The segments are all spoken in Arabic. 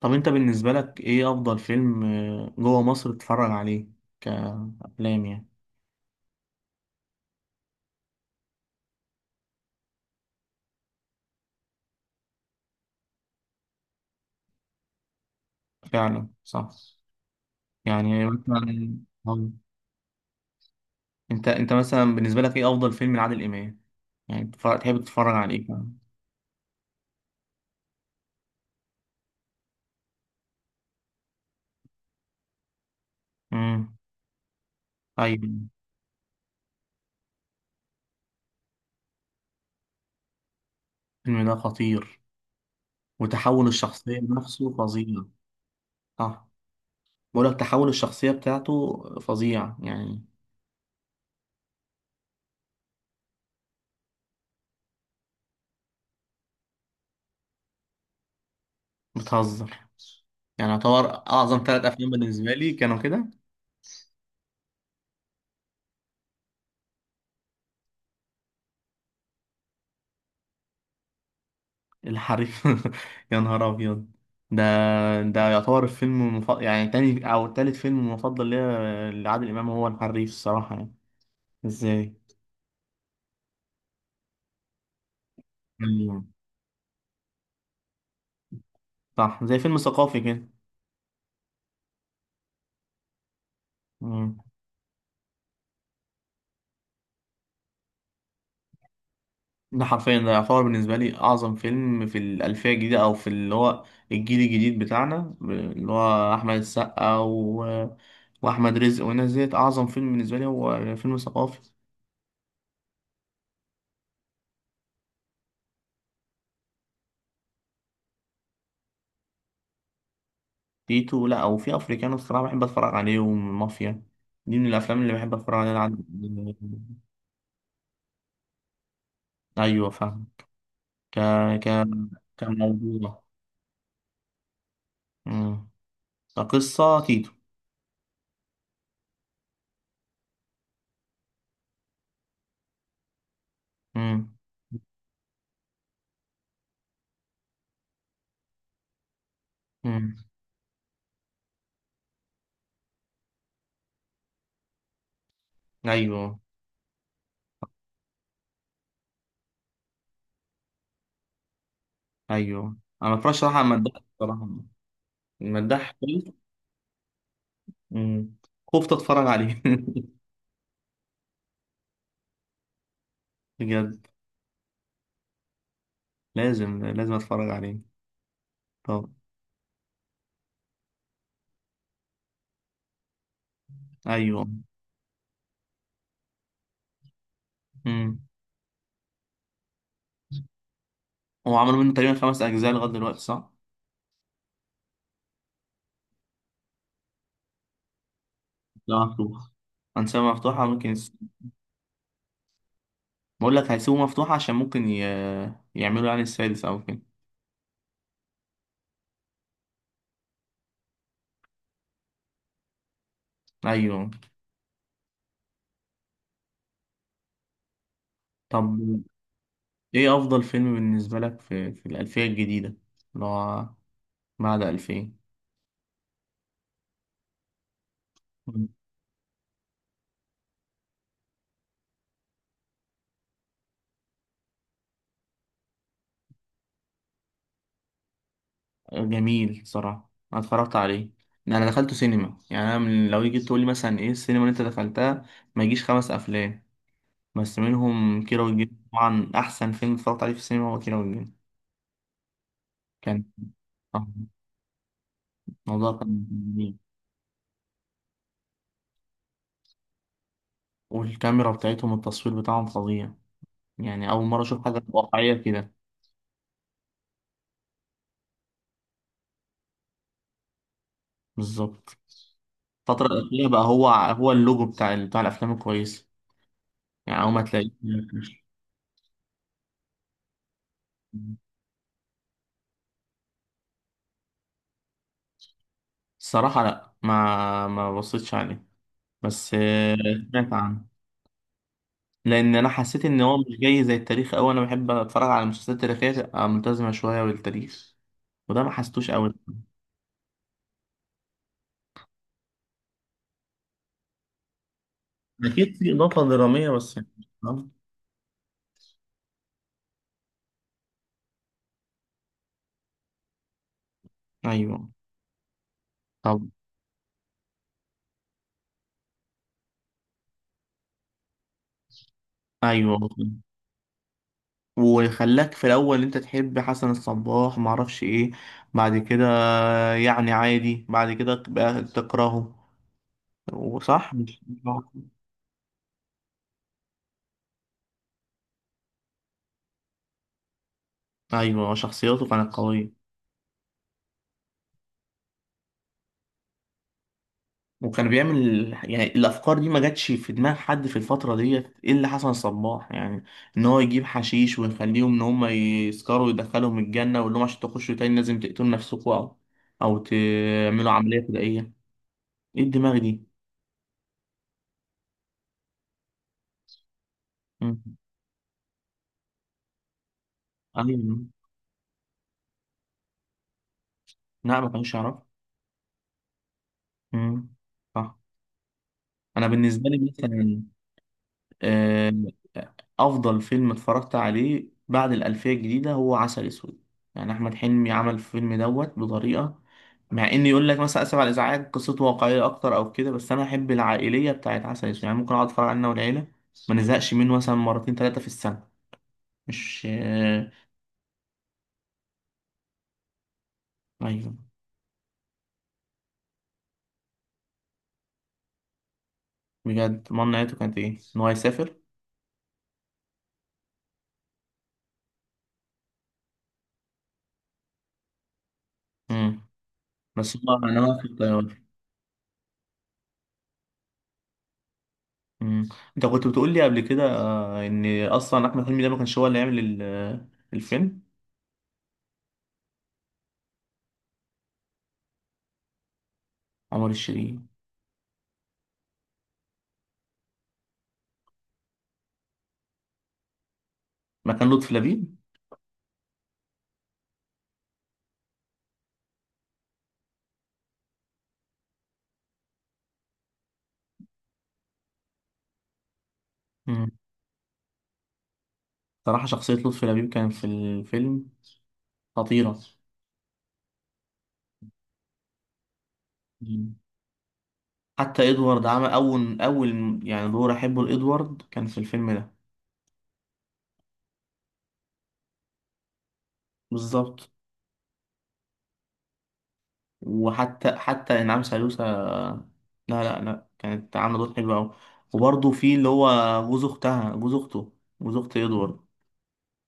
طب انت بالنسبة لك ايه افضل فيلم جوه مصر تتفرج عليه؟ كأفلام يعني. فعلا صح. يعني مثلا. هم- انت مثلا بالنسبة لك ايه افضل فيلم لعادل امام؟ يعني تحب تتفرج على ايه فعلا؟ امم. ايوه. الفيلم ده خطير، وتحول الشخصية نفسه فظيع. صح. بقول لك تحول الشخصية بتاعته فظيع يعني. بتهزر؟ يعني يعتبر اعظم ثلاث افلام بالنسبة لي كانوا كده. الحريف. يا نهار ابيض. ده ده يعتبر الفيلم المفضل، يعني تاني او تالت فيلم مفضل ليا لعادل امام هو الحريف الصراحه يعني. ازاي؟ يعني صح، زي فيلم ثقافي كده. مم. ده حرفيا ده يعتبر بالنسبه لي اعظم فيلم في الالفيه الجديده، او في اللي هو الجيل الجديد بتاعنا، اللي هو احمد السقا واحمد رزق والناس ديت. اعظم فيلم بالنسبه لي هو فيلم ثقافي. تيتو، لا، او في افريكانو الصراحه بحب اتفرج عليهم. مافيا دي من الافلام اللي بحب اتفرج عليها ايوه فاهم. ك ك كموضوع. امم. كقصه تيتو. امم. امم. ايوه. ايوه انا ما اتفرجش صراحه على المداح الصراحه. المداح كويس. امم. خفت اتفرج عليه. بجد. لازم لازم اتفرج عليه. طب. ايوه. امم. هو عملوا منه تقريبا خمس اجزاء لغايه دلوقتي، صح؟ لا مفتوح. انسان مفتوحه ممكن. بقول لك هيسيبوه مفتوح عشان ممكن يعملوا يعني السادس او كده. ايوه. طب ايه افضل فيلم بالنسبه لك في الالفيه الجديده، اللي هو بعد 2000؟ جميل صراحه، انا اتفرجت عليه. انا دخلته سينما، يعني انا من لو جيت تقول لي مثلا ايه السينما اللي انت دخلتها، ما يجيش خمس افلام. بس منهم كيرة والجن. طبعا احسن فيلم اتفرجت عليه في السينما هو كيرة والجن. كان آه، الموضوع كان جميل. والكاميرا بتاعتهم، التصوير بتاعهم فظيع. يعني اول مره اشوف حاجه واقعيه كده. بالظبط. الفترة الأخيرة بقى هو اللوجو بتاع الأفلام الكويسة. يعني أول ما تلاقيه. الصراحة لأ، ما بصيتش عليه. بس سمعت عنه. لأن أنا حسيت إن هو مش جاي زي التاريخ أوي. أنا بحب أتفرج على المسلسلات التاريخية، تبقى ملتزمة شوية بالتاريخ. وده ما حسيتوش أوي. أكيد في إضافة درامية، بس يعني. آه. أيوه. طب. أيوه. وخلاك في الأول أنت تحب حسن الصباح، معرفش إيه. بعد كده يعني عادي، بعد كده بقى تكرهه. وصح. مش ايوه شخصيته كانت قويه. وكان بيعمل يعني الافكار دي ما جاتش في دماغ حد في الفتره ديت الا حسن صباح يعني. ان هو يجيب حشيش ويخليهم ان هم يسكروا ويدخلهم الجنه ويقول لهم عشان تخشوا تاني لازم تقتلوا نفسكم، او تعملوا عمليه فدائيه. ايه الدماغ دي؟ مم. ايوه. لا ما كانوش يعرفوا. مم. صح. انا بالنسبه لي مثلا، آه، افضل فيلم اتفرجت عليه بعد الالفيه الجديده هو عسل اسود. يعني احمد حلمي عمل الفيلم دوت بطريقه. مع ان يقول لك مثلا اسف على الازعاج قصته واقعيه اكتر او كده، بس انا احب العائليه بتاعت عسل اسود. يعني ممكن اقعد اتفرج عليه انا والعيله، ما نزهقش منه، مثلا مرتين ثلاثه في السنه. مش ايوه. بجد، امال نهايته كانت ايه، ان هو يسافر؟ امم. بس هو انا في الطياره. امم. انت كنت بتقول لي قبل كده ان اصلا احمد حلمي ده ما كانش هو اللي يعمل الفيلم. عمر الشريف. مكان لطفي لبيب. مم. صراحة شخصية لطفي لبيب كان في الفيلم خطيرة. مم. حتى إدوارد عمل أول يعني دور أحبه لإدوارد كان في الفيلم ده. بالظبط. وحتى حتى إنعام سالوسة، لا، لا، لا، كانت عاملة دور حلو أوي. وبرضه في اللي هو جوز أخته، جوز أخت إدوارد.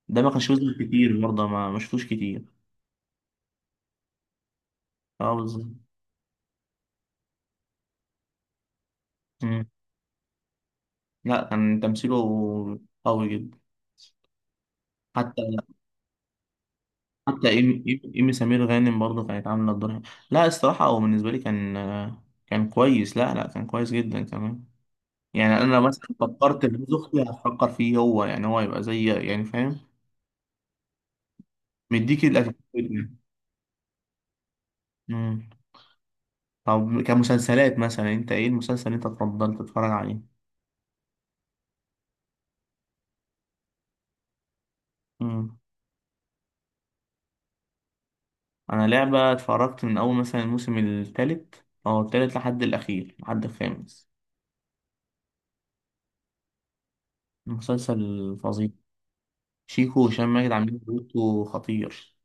ده ما كانش بيظهر كتير برضه، ما شفتوش كتير. اه بالظبط. مم. لا كان تمثيله قوي جدا. حتى حتى إيمي سمير غانم برضه كانت عاملة الدور حلو. لا الصراحة هو بالنسبة لي كان كويس. لا، لا، كان كويس جدا كمان. يعني أنا مثلا فكرت في جوز أختي، هفكر فيه هو، يعني هو يبقى زي، يعني فاهم، مديك الأتيتيود. أمم. طب كمسلسلات مثلا، أنت إيه المسلسل اللي أنت تفضل تتفرج عليه؟ أمم. أنا لعبة اتفرجت من أول مثلا الموسم التالت لحد الأخير، لحد الخامس. مسلسل فظيع. شيكو وهشام ماجد عاملين دوتو خطير.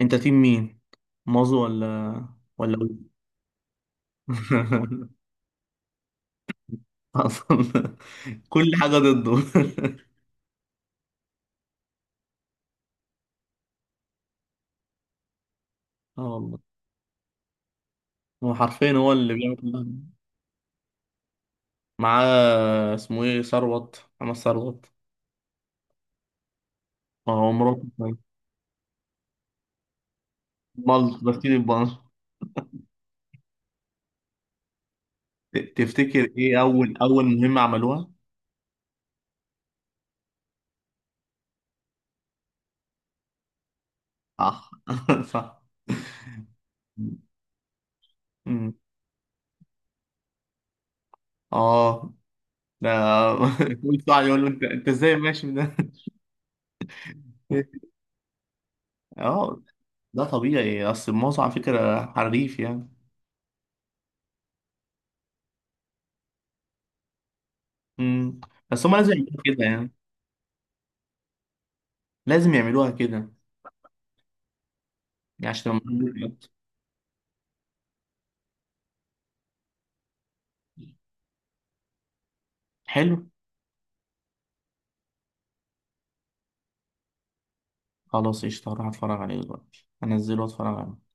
انت تيم مين، مازو ولا ويل؟ اصلا. كل حاجه ضده. اه والله. هو حرفيا هو اللي بيعمل كل حاجة. معاه اسمه ايه، ثروت، محمد ثروت. اه مراته كمان. مال بس البنك. تفتكر ايه اول مهمه عملوها؟ صح. صح. أمم. اه ده. كل ساعه يقول له، انت ازاي ماشي من ده؟ اه. ده طبيعي، اصل مازو على فكره حريف يعني. مم. بس هم لازم يعملوها كده يعني، لازم يعملوها كده يعني عشان تبقى موجودة في الوقت. حلو. خلاص قشطة، هروح اتفرج عليه دلوقتي، انزله واتفرج عليه.